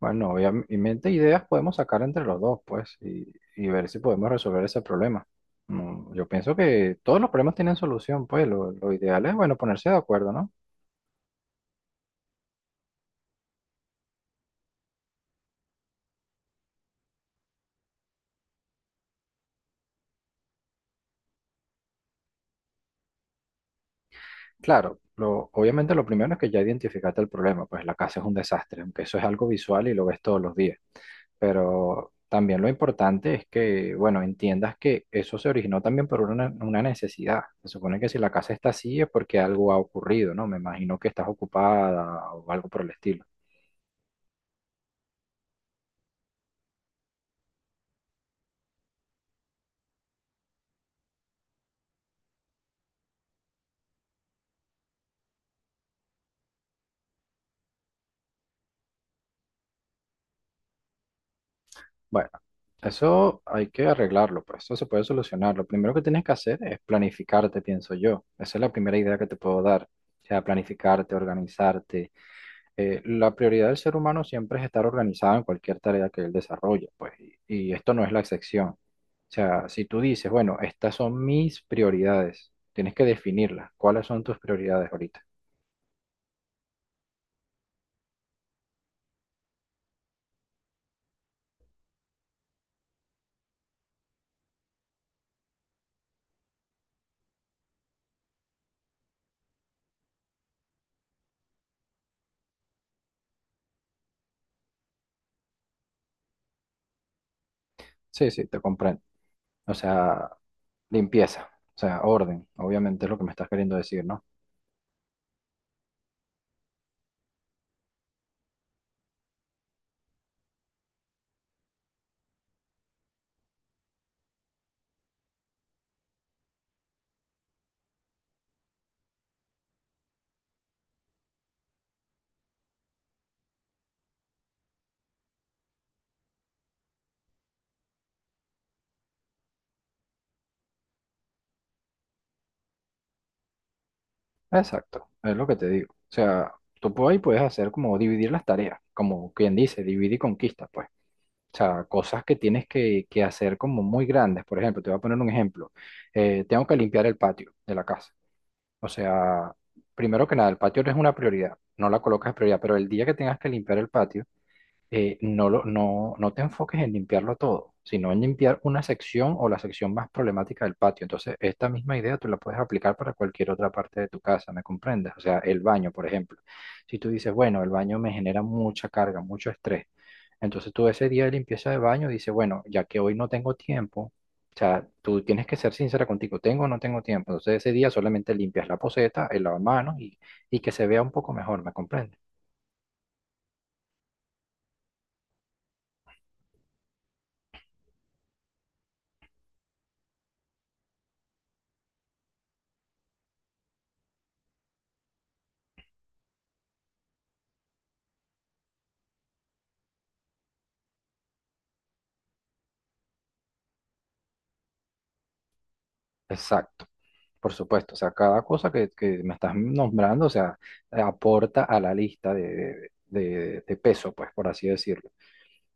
Bueno, obviamente ideas podemos sacar entre los dos, pues, y ver si podemos resolver ese problema. Yo pienso que todos los problemas tienen solución, pues, lo ideal es, bueno, ponerse de acuerdo, ¿no? Claro, obviamente lo primero es que ya identificaste el problema, pues la casa es un desastre, aunque eso es algo visual y lo ves todos los días. Pero también lo importante es que, bueno, entiendas que eso se originó también por una necesidad. Se supone que si la casa está así es porque algo ha ocurrido, ¿no? Me imagino que estás ocupada o algo por el estilo. Bueno, eso hay que arreglarlo, pues eso se puede solucionar. Lo primero que tienes que hacer es planificarte, pienso yo. Esa es la primera idea que te puedo dar. O sea, planificarte, organizarte. La prioridad del ser humano siempre es estar organizado en cualquier tarea que él desarrolle, pues, y esto no es la excepción. O sea, si tú dices, bueno, estas son mis prioridades, tienes que definirlas. ¿Cuáles son tus prioridades ahorita? Sí, sí, te comprendo. O sea, limpieza, o sea, orden, obviamente es lo que me estás queriendo decir, ¿no? Exacto, es lo que te digo. O sea, tú por ahí puedes hacer como dividir las tareas, como quien dice, divide y conquista, pues. O sea, cosas que tienes que hacer como muy grandes. Por ejemplo, te voy a poner un ejemplo. Tengo que limpiar el patio de la casa. O sea, primero que nada, el patio no es una prioridad, no la colocas en prioridad, pero el día que tengas que limpiar el patio, no te enfoques en limpiarlo todo, sino en limpiar una sección o la sección más problemática del patio. Entonces, esta misma idea tú la puedes aplicar para cualquier otra parte de tu casa, ¿me comprendes? O sea, el baño, por ejemplo. Si tú dices, bueno, el baño me genera mucha carga, mucho estrés, entonces tú ese día de limpieza de baño dices, bueno, ya que hoy no tengo tiempo, o sea, tú tienes que ser sincera contigo, ¿tengo o no tengo tiempo? Entonces, ese día solamente limpias la poceta, el lavamanos y que se vea un poco mejor, ¿me comprendes? Exacto. Por supuesto, o sea, cada cosa que me estás nombrando, o sea, aporta a la lista de, de peso, pues, por así decirlo.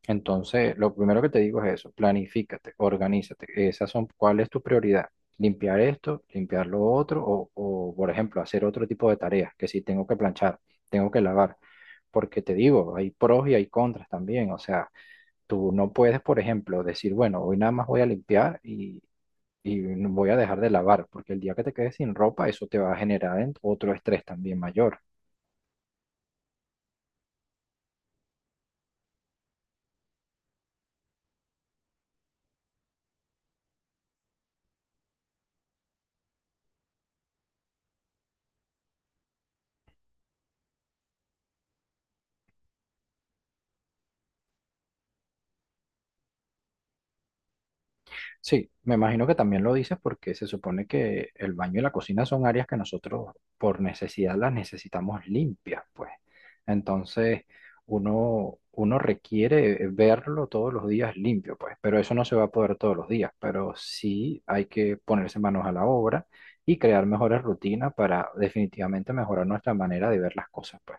Entonces, lo primero que te digo es eso, planifícate, organízate. Esas son, ¿cuál es tu prioridad? ¿Limpiar esto, limpiar lo otro? O, por ejemplo, hacer otro tipo de tareas, que si tengo que planchar, tengo que lavar. Porque te digo, hay pros y hay contras también. O sea, tú no puedes, por ejemplo, decir, bueno, hoy nada más voy a limpiar y no voy a dejar de lavar, porque el día que te quedes sin ropa, eso te va a generar otro estrés también mayor. Sí, me imagino que también lo dices porque se supone que el baño y la cocina son áreas que nosotros por necesidad las necesitamos limpias, pues. Entonces, uno requiere verlo todos los días limpio, pues, pero eso no se va a poder todos los días, pero sí hay que ponerse manos a la obra y crear mejores rutinas para definitivamente mejorar nuestra manera de ver las cosas, pues.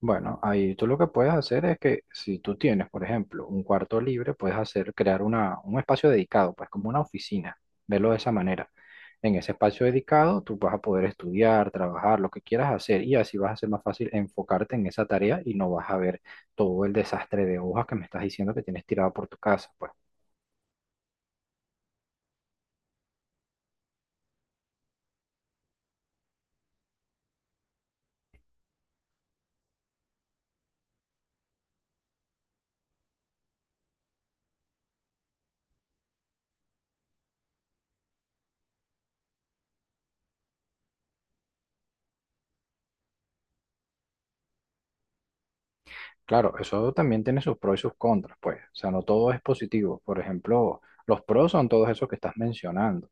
Bueno, ahí tú lo que puedes hacer es que si tú tienes, por ejemplo, un cuarto libre, puedes hacer, crear un espacio dedicado, pues como una oficina, verlo de esa manera. En ese espacio dedicado tú vas a poder estudiar, trabajar, lo que quieras hacer y así vas a ser más fácil enfocarte en esa tarea y no vas a ver todo el desastre de hojas que me estás diciendo que tienes tirado por tu casa, pues. Claro, eso también tiene sus pros y sus contras, pues. O sea, no todo es positivo. Por ejemplo, los pros son todos esos que estás mencionando. O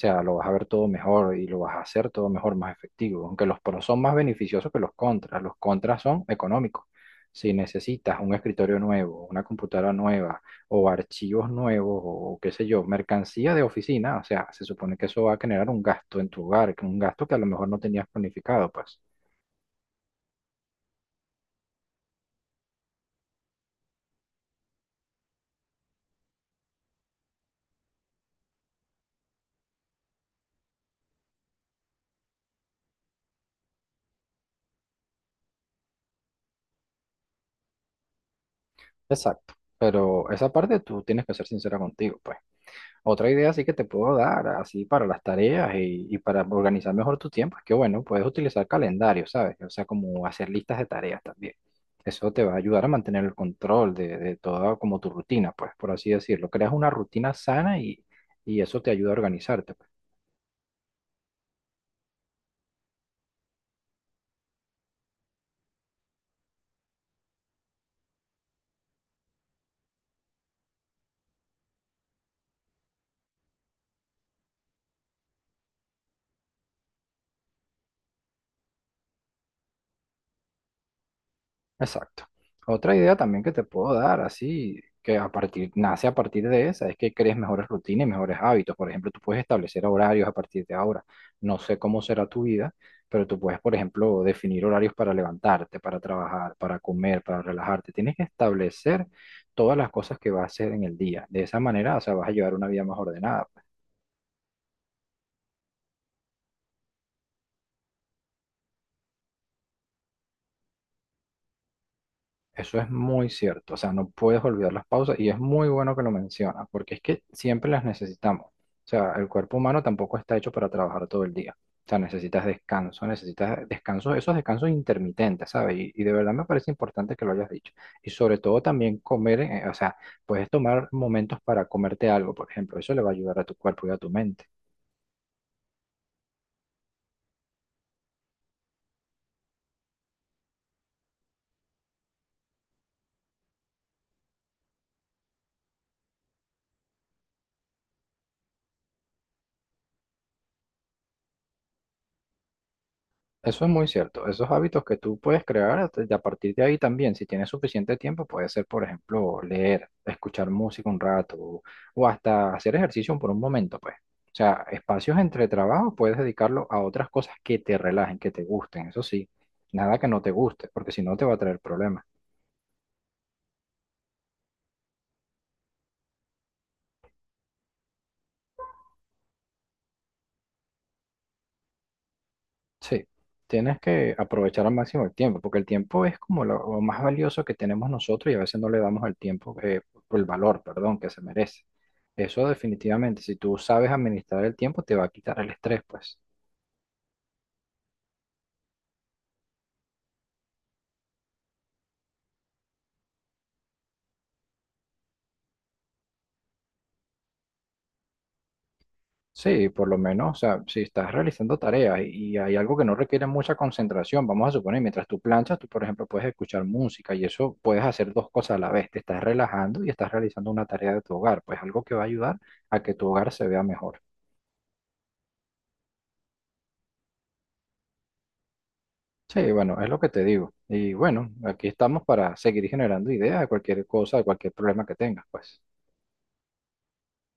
sea, lo vas a ver todo mejor y lo vas a hacer todo mejor, más efectivo. Aunque los pros son más beneficiosos que los contras. Los contras son económicos. Si necesitas un escritorio nuevo, una computadora nueva o archivos nuevos o qué sé yo, mercancía de oficina, o sea, se supone que eso va a generar un gasto en tu hogar, que un gasto que a lo mejor no tenías planificado, pues. Exacto. Pero esa parte tú tienes que ser sincera contigo, pues. Otra idea sí que te puedo dar, así para las tareas y para organizar mejor tu tiempo, es que bueno, puedes utilizar calendarios, ¿sabes? O sea, como hacer listas de tareas también. Eso te va a ayudar a mantener el control de toda como tu rutina, pues, por así decirlo. Creas una rutina sana y eso te ayuda a organizarte. Exacto. Otra idea también que te puedo dar, así que a partir, nace a partir de esa, es que crees mejores rutinas y mejores hábitos. Por ejemplo, tú puedes establecer horarios a partir de ahora. No sé cómo será tu vida, pero tú puedes, por ejemplo, definir horarios para levantarte, para trabajar, para comer, para relajarte. Tienes que establecer todas las cosas que vas a hacer en el día. De esa manera, o sea, vas a llevar una vida más ordenada. Eso es muy cierto, o sea, no puedes olvidar las pausas y es muy bueno que lo mencionas, porque es que siempre las necesitamos. O sea, el cuerpo humano tampoco está hecho para trabajar todo el día. O sea, necesitas descanso, esos descansos intermitentes, ¿sabes? Y de verdad me parece importante que lo hayas dicho. Y sobre todo también comer, o sea, puedes tomar momentos para comerte algo, por ejemplo, eso le va a ayudar a tu cuerpo y a tu mente. Eso es muy cierto. Esos hábitos que tú puedes crear y a partir de ahí también, si tienes suficiente tiempo, puede ser, por ejemplo, leer, escuchar música un rato o hasta hacer ejercicio por un momento, pues. O sea, espacios entre trabajo puedes dedicarlo a otras cosas que te relajen, que te gusten, eso sí. Nada que no te guste, porque si no te va a traer problemas. Sí, tienes que aprovechar al máximo el tiempo, porque el tiempo es como lo más valioso que tenemos nosotros y a veces no le damos al tiempo, el valor, perdón, que se merece. Eso definitivamente, si tú sabes administrar el tiempo, te va a quitar el estrés, pues. Sí, por lo menos, o sea, si estás realizando tareas y hay algo que no requiere mucha concentración, vamos a suponer, mientras tú planchas, tú, por ejemplo, puedes escuchar música y eso puedes hacer dos cosas a la vez, te estás relajando y estás realizando una tarea de tu hogar, pues algo que va a ayudar a que tu hogar se vea mejor. Sí, bueno, es lo que te digo. Y bueno, aquí estamos para seguir generando ideas de cualquier cosa, de cualquier problema que tengas, pues.